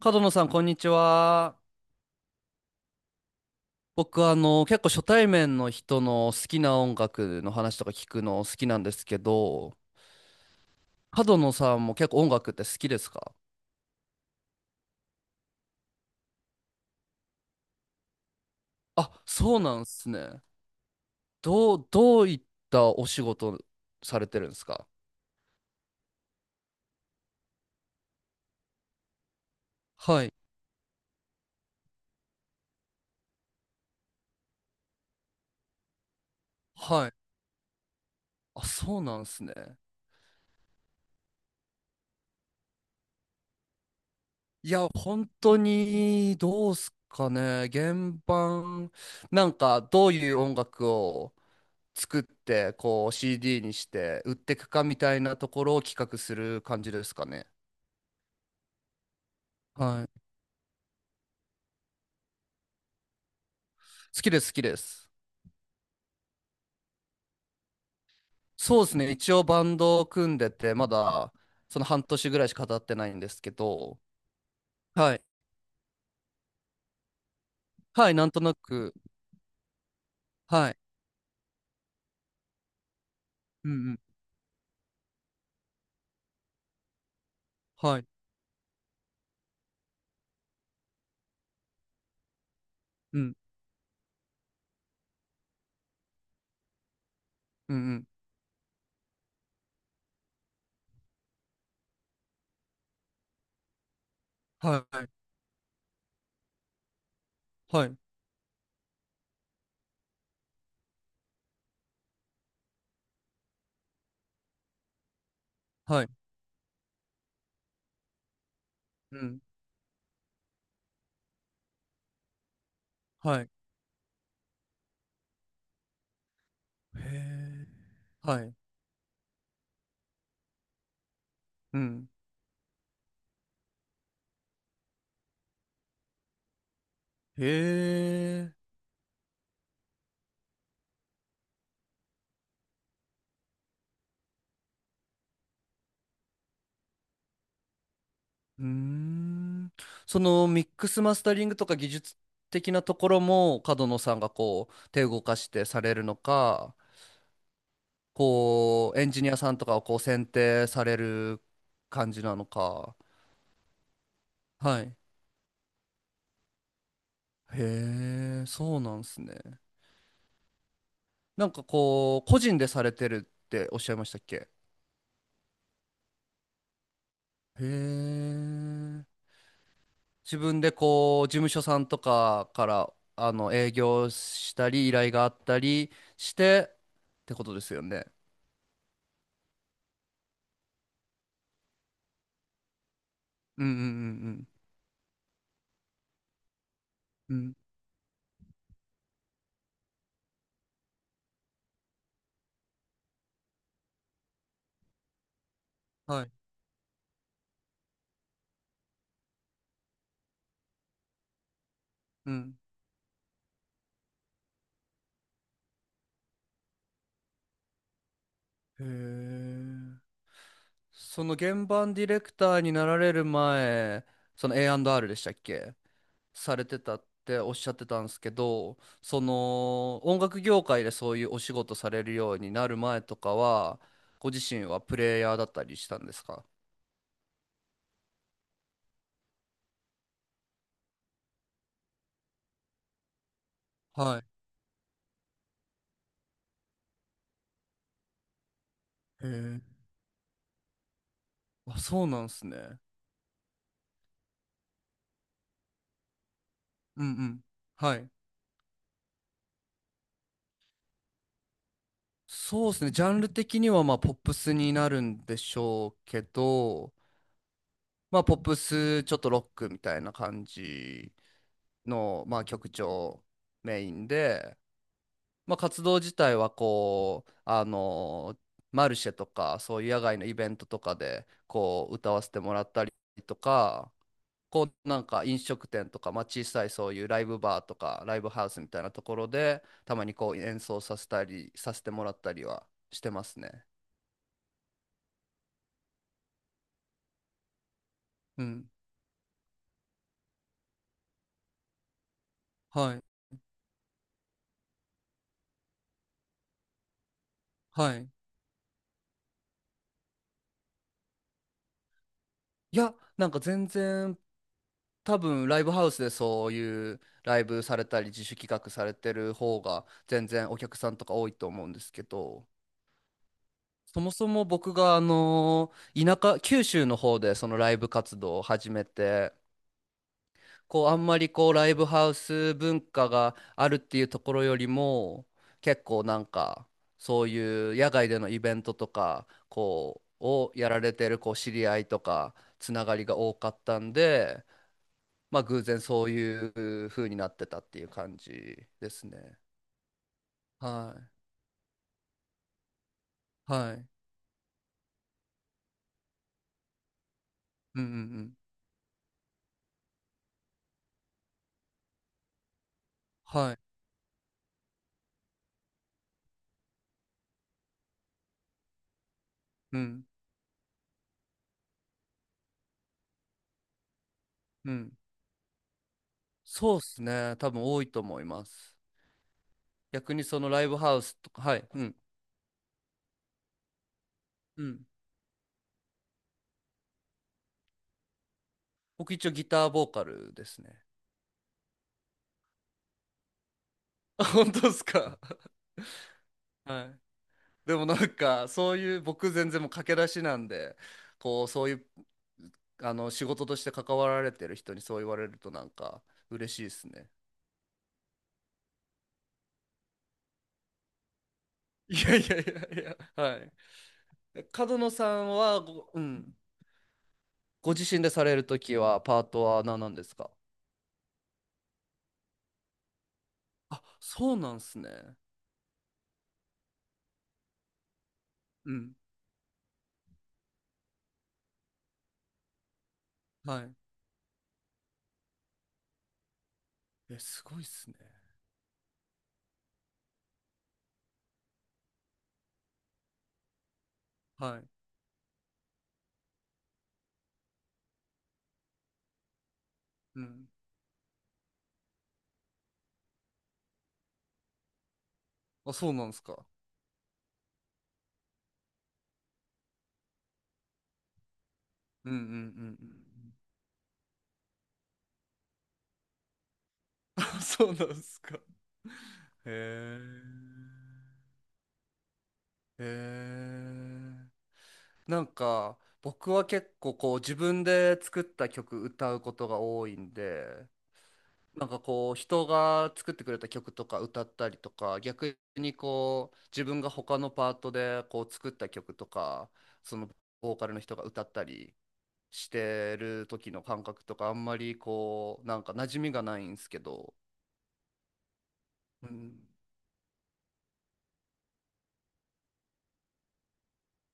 角野さん、こんにちは。僕、結構初対面の人の好きな音楽の話とか聞くの好きなんですけど、角野さんも結構音楽って好きですか？あ、そうなんですね。どういったお仕事されてるんですか？はい。はい。あ、そうなんですね。いや、本当に、どうすかね。原版、なんか、どういう音楽を作ってこう CD にして売っていくかみたいなところを企画する感じですかね。はい。好きです好きです。そうですね。一応バンドを組んでてまだその半年ぐらいしか経ってないんですけど。はい。はい。なんとなく。はい。うんうん。はい。うん。うんうん。はい。はい。はい。うん。はい。へえ。はい。うん。へえ。うーん。そのミックスマスタリングとか技術的なところも角野さんがこう手を動かしてされるのか、こうエンジニアさんとかをこう選定される感じなのか。はい。へえ、そうなんすね。なんかこう個人でされてるっておっしゃいましたっけ？へえ。自分でこう事務所さんとかから営業したり依頼があったりしてってことですよね。うんうんうんうん。うんはい。うん。へえ。その原版ディレクターになられる前、その A&R でしたっけされてたっておっしゃってたんですけど、その音楽業界でそういうお仕事されるようになる前とかは、ご自身はプレイヤーだったりしたんですか？はい。へえ。あ、そうなんですね。うんうん。はい。そうですね。ジャンル的にはまあポップスになるんでしょうけど、まあ、ポップス、ちょっとロックみたいな感じの、まあ、曲調メインで、まあ、活動自体はこう、マルシェとか、そういう野外のイベントとかで、こう、歌わせてもらったりとか、こう、なんか飲食店とか、まあ、小さいそういうライブバーとか、ライブハウスみたいなところで、たまにこう、演奏させたり、させてもらったりはしてますね。うん。はい。はい。いや、なんか全然多分ライブハウスでそういうライブされたり自主企画されてる方が全然お客さんとか多いと思うんですけどそもそも僕があの田舎九州の方でそのライブ活動を始めてこうあんまりこうライブハウス文化があるっていうところよりも結構なんかそういう野外でのイベントとかこうをやられてるこう知り合いとかつながりが多かったんで。まあ偶然そういう風になってたっていう感じですね。はい。はい。うんうんうん。はい。うんうん。そうっすね。多分多いと思います。逆にそのライブハウスとか、はい。うん。うん。僕一応ギターボーカルですね。あ本当ですか？はい。でもなんかそういう僕全然もう駆け出しなんで、こうそういうあの仕事として関わられてる人にそう言われるとなんか嬉しいですね。いやいやいやいや、はい。え角野さんはご、うん、ご自身でされるときはパートは何なんですか？あ、そうなんすね。うん。はい。え、すごいっすね。はい。うん。あ、そうなんすか。うんうんうんうんうん。そうなんすか。へえ。へえ。なんか僕は結構こう自分で作った曲歌うことが多いんで、なんかこう人が作ってくれた曲とか歌ったりとか逆にこう自分が他のパートでこう作った曲とかそのボーカルの人が歌ったりしてる時の感覚とかあんまりこうなんか馴染みがないんですけど、うん、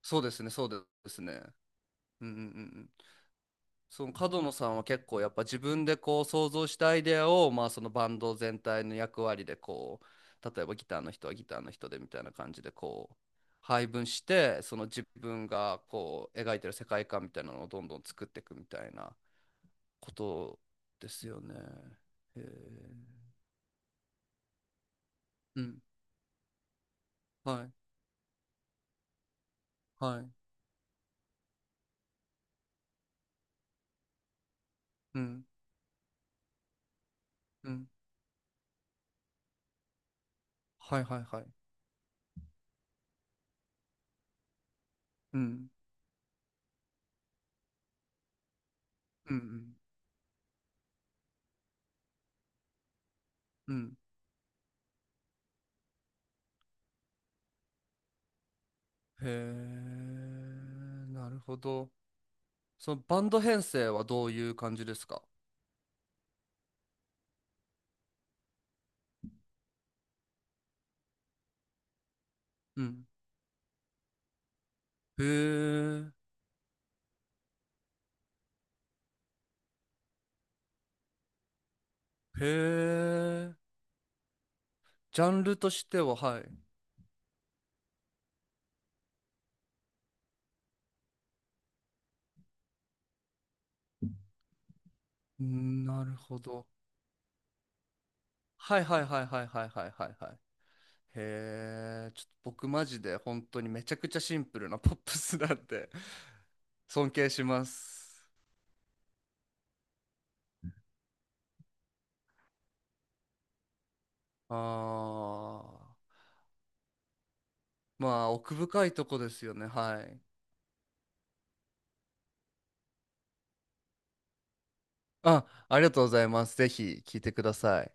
そうですねそうですねうんうんうんその角野さんは結構やっぱ自分でこう想像したアイデアをまあそのバンド全体の役割でこう例えばギターの人はギターの人でみたいな感じでこう配分してその自分がこう描いてる世界観みたいなのをどんどん作っていくみたいなことですよね。へえ。うん。はい。はい。うん。うん。はいはいはい。うん。うんうん。うん。へえ。なるほど。そのバンド編成はどういう感じですか？うん。へえ、へえ、ジャンルとしては、はい。うんなるほど。はいはいはいはいはいはいはいはい。へえ、ちょっと僕マジで本当にめちゃくちゃシンプルなポップスなんで 尊敬します。あー、まあ奥深いとこですよね、はい。あ、ありがとうございます。ぜひ聞いてください。